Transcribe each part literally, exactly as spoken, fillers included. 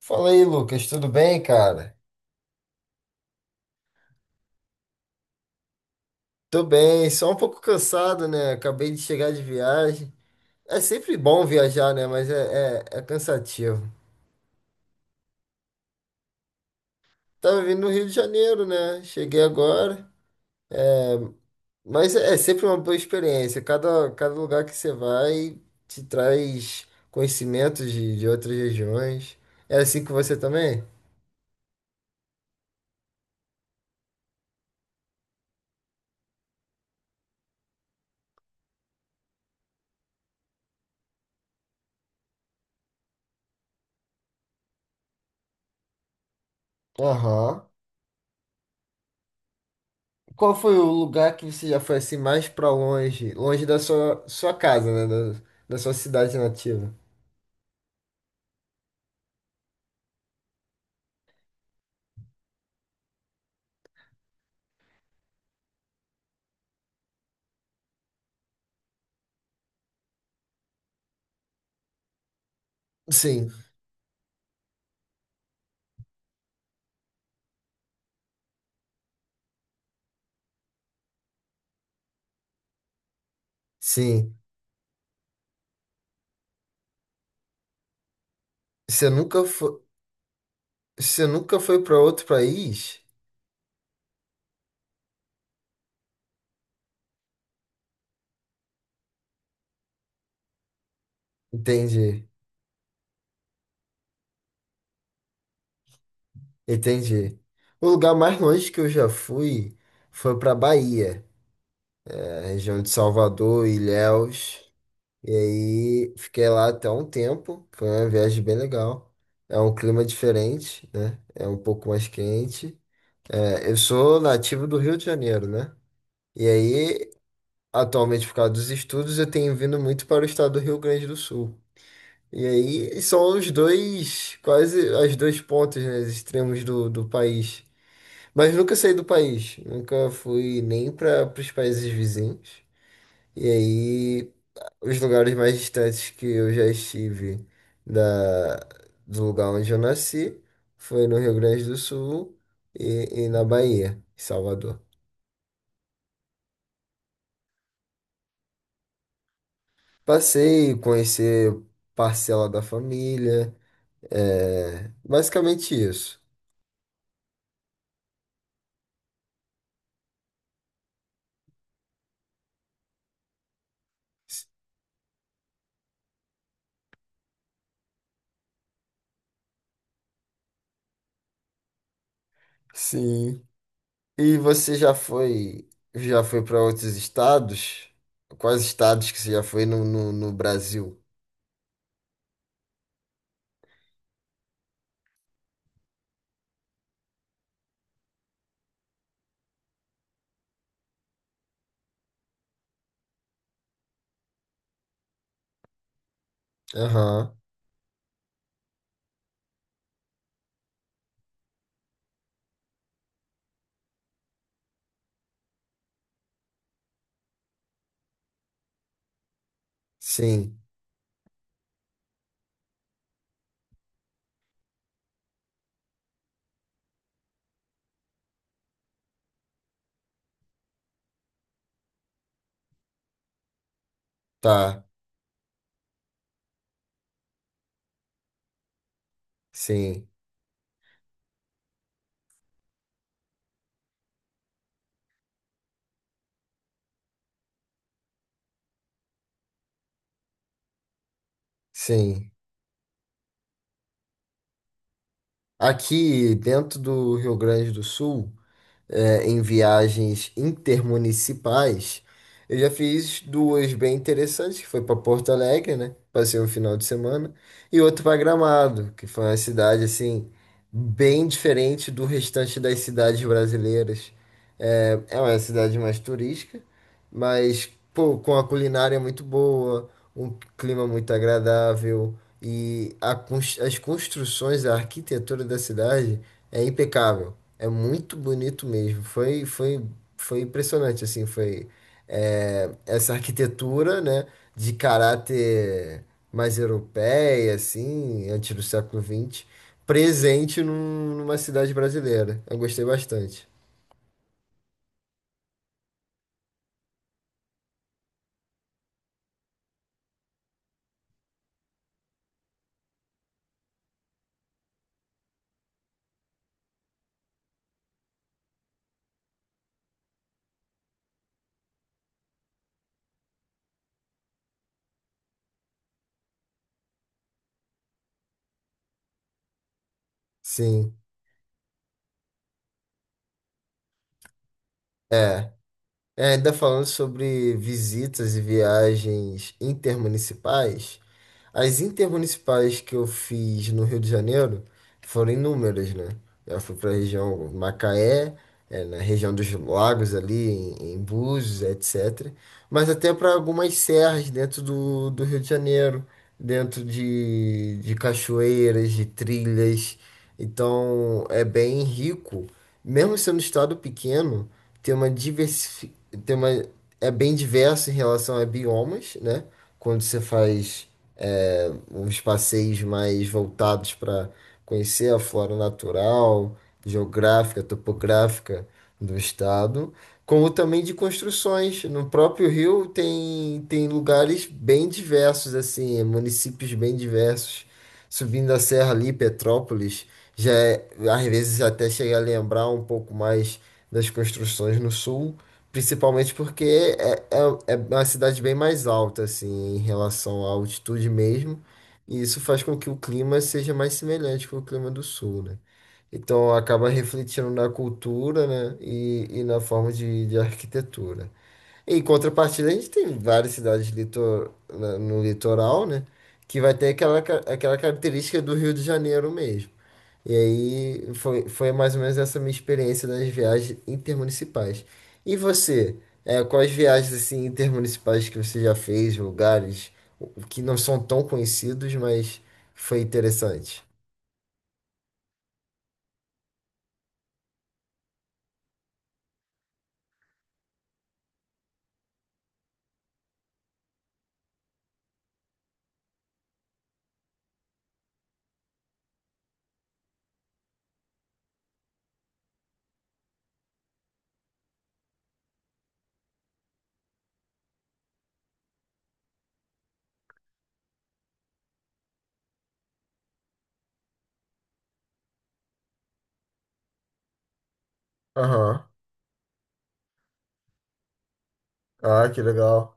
Fala aí, Lucas, tudo bem, cara? Tô bem, só um pouco cansado, né? Acabei de chegar de viagem. É sempre bom viajar, né? Mas é, é, é cansativo. Tava vindo no Rio de Janeiro, né? Cheguei agora. Mas é, é sempre uma boa experiência. Cada, cada lugar que você vai te traz conhecimentos de, de outras regiões. É assim com você também? Aham. Qual foi o lugar que você já foi assim mais pra longe? Longe da sua, sua casa, né? Da, da sua cidade nativa. Sim. Sim. Você nunca foi, você nunca foi para outro país? Entendi, entendi. O lugar mais longe que eu já fui foi para Bahia, a região de Salvador, Ilhéus. E aí fiquei lá até um tempo. Foi uma viagem bem legal. É um clima diferente, né? É um pouco mais quente. É, eu sou nativo do Rio de Janeiro, né? E aí, atualmente, por causa dos estudos, eu tenho vindo muito para o estado do Rio Grande do Sul. E aí são os dois, quase as dois pontas, né, os extremos do, do país. Mas nunca saí do país, nunca fui nem para os países vizinhos. E aí os lugares mais distantes que eu já estive da, do lugar onde eu nasci foi no Rio Grande do Sul e, e na Bahia, em Salvador. Passei, conhecer parcela da família, é, basicamente isso. Sim. E você já foi, já foi para outros estados? Quais estados que você já foi no, no, no Brasil? Aham, sim, tá, sim, sim. Aqui dentro do Rio Grande do Sul, é, em viagens intermunicipais, eu já fiz duas bem interessantes, que foi para Porto Alegre, né? Passei um final de semana, e outra para Gramado, que foi uma cidade assim bem diferente do restante das cidades brasileiras. É, é uma cidade mais turística, mas pô, com a culinária muito boa, um clima muito agradável e a cons- as construções, a arquitetura da cidade é impecável. É muito bonito mesmo. Foi, foi, foi impressionante, assim, foi é, essa arquitetura, né, de caráter mais europeia, assim, antes do século vinte presente num- numa cidade brasileira. Eu gostei bastante. Sim, é. É, ainda falando sobre visitas e viagens intermunicipais, as intermunicipais que eu fiz no Rio de Janeiro foram inúmeras, né? Eu fui para a região Macaé, eh, na região dos lagos ali, em, em Búzios, et cetera. Mas até para algumas serras dentro do, do Rio de Janeiro, dentro de, de cachoeiras, de trilhas. Então é bem rico. Mesmo sendo um estado pequeno, tem uma diversi... tem uma... é bem diverso em relação a biomas, né? Quando você faz é, uns passeios mais voltados para conhecer a flora natural, geográfica, topográfica do estado, como também de construções. No próprio Rio tem, tem lugares bem diversos, assim, é, municípios bem diversos. Subindo a serra ali, Petrópolis, já é- às vezes até chega a lembrar um pouco mais das construções no sul. Principalmente porque é, é, é uma cidade bem mais alta, assim, em relação à altitude mesmo. E isso faz com que o clima seja mais semelhante com o clima do sul, né? Então acaba refletindo na cultura, né? E, e na forma de, de arquitetura. Em contrapartida, a gente tem várias cidades litor, na- no litoral, né? Que vai ter aquela, ca- aquela característica do Rio de Janeiro mesmo. E aí foi, foi mais ou menos essa minha experiência das viagens intermunicipais. E você, é, quais viagens assim intermunicipais que você já fez, lugares que não são tão conhecidos, mas foi interessante? Aham. Ah, que legal.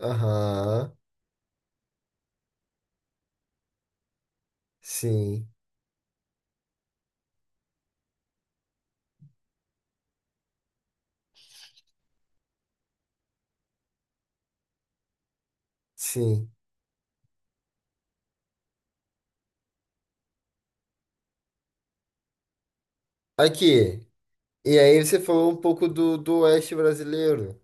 Aham, sim, sim. Aqui, e aí você falou um pouco do, do Oeste brasileiro.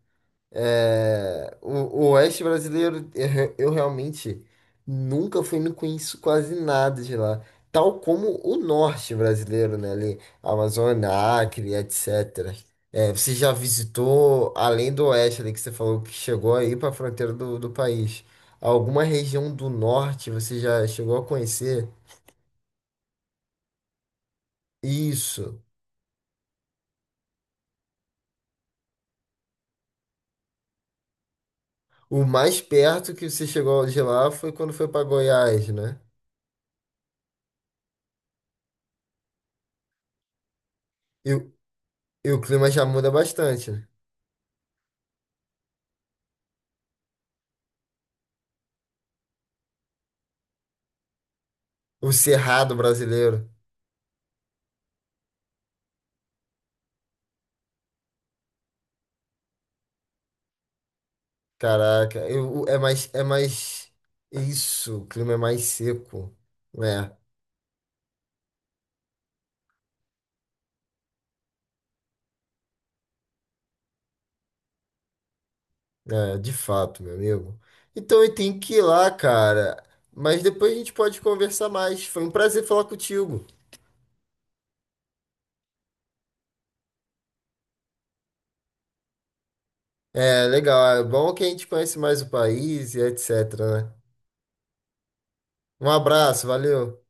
É, o, o Oeste brasileiro, eu, re- eu realmente nunca fui, não conheço quase nada de lá. Tal como o Norte brasileiro, né? Ali, Amazônia, Acre, et cetera. É, você já visitou, além do Oeste ali que você falou que chegou aí para a fronteira do, do país, alguma região do Norte você já chegou a conhecer? Isso. O mais perto que você chegou de lá foi quando foi para Goiás, né? E, o- e o clima já muda bastante, né? O Cerrado brasileiro. Caraca, eu, é mais, é mais. Isso, o clima é mais seco. É, é, de fato, meu amigo. Então eu tenho que ir lá, cara. Mas depois a gente pode conversar mais. Foi um prazer falar contigo. É, legal. É bom que a gente conhece mais o país e etc, né? Um abraço, valeu.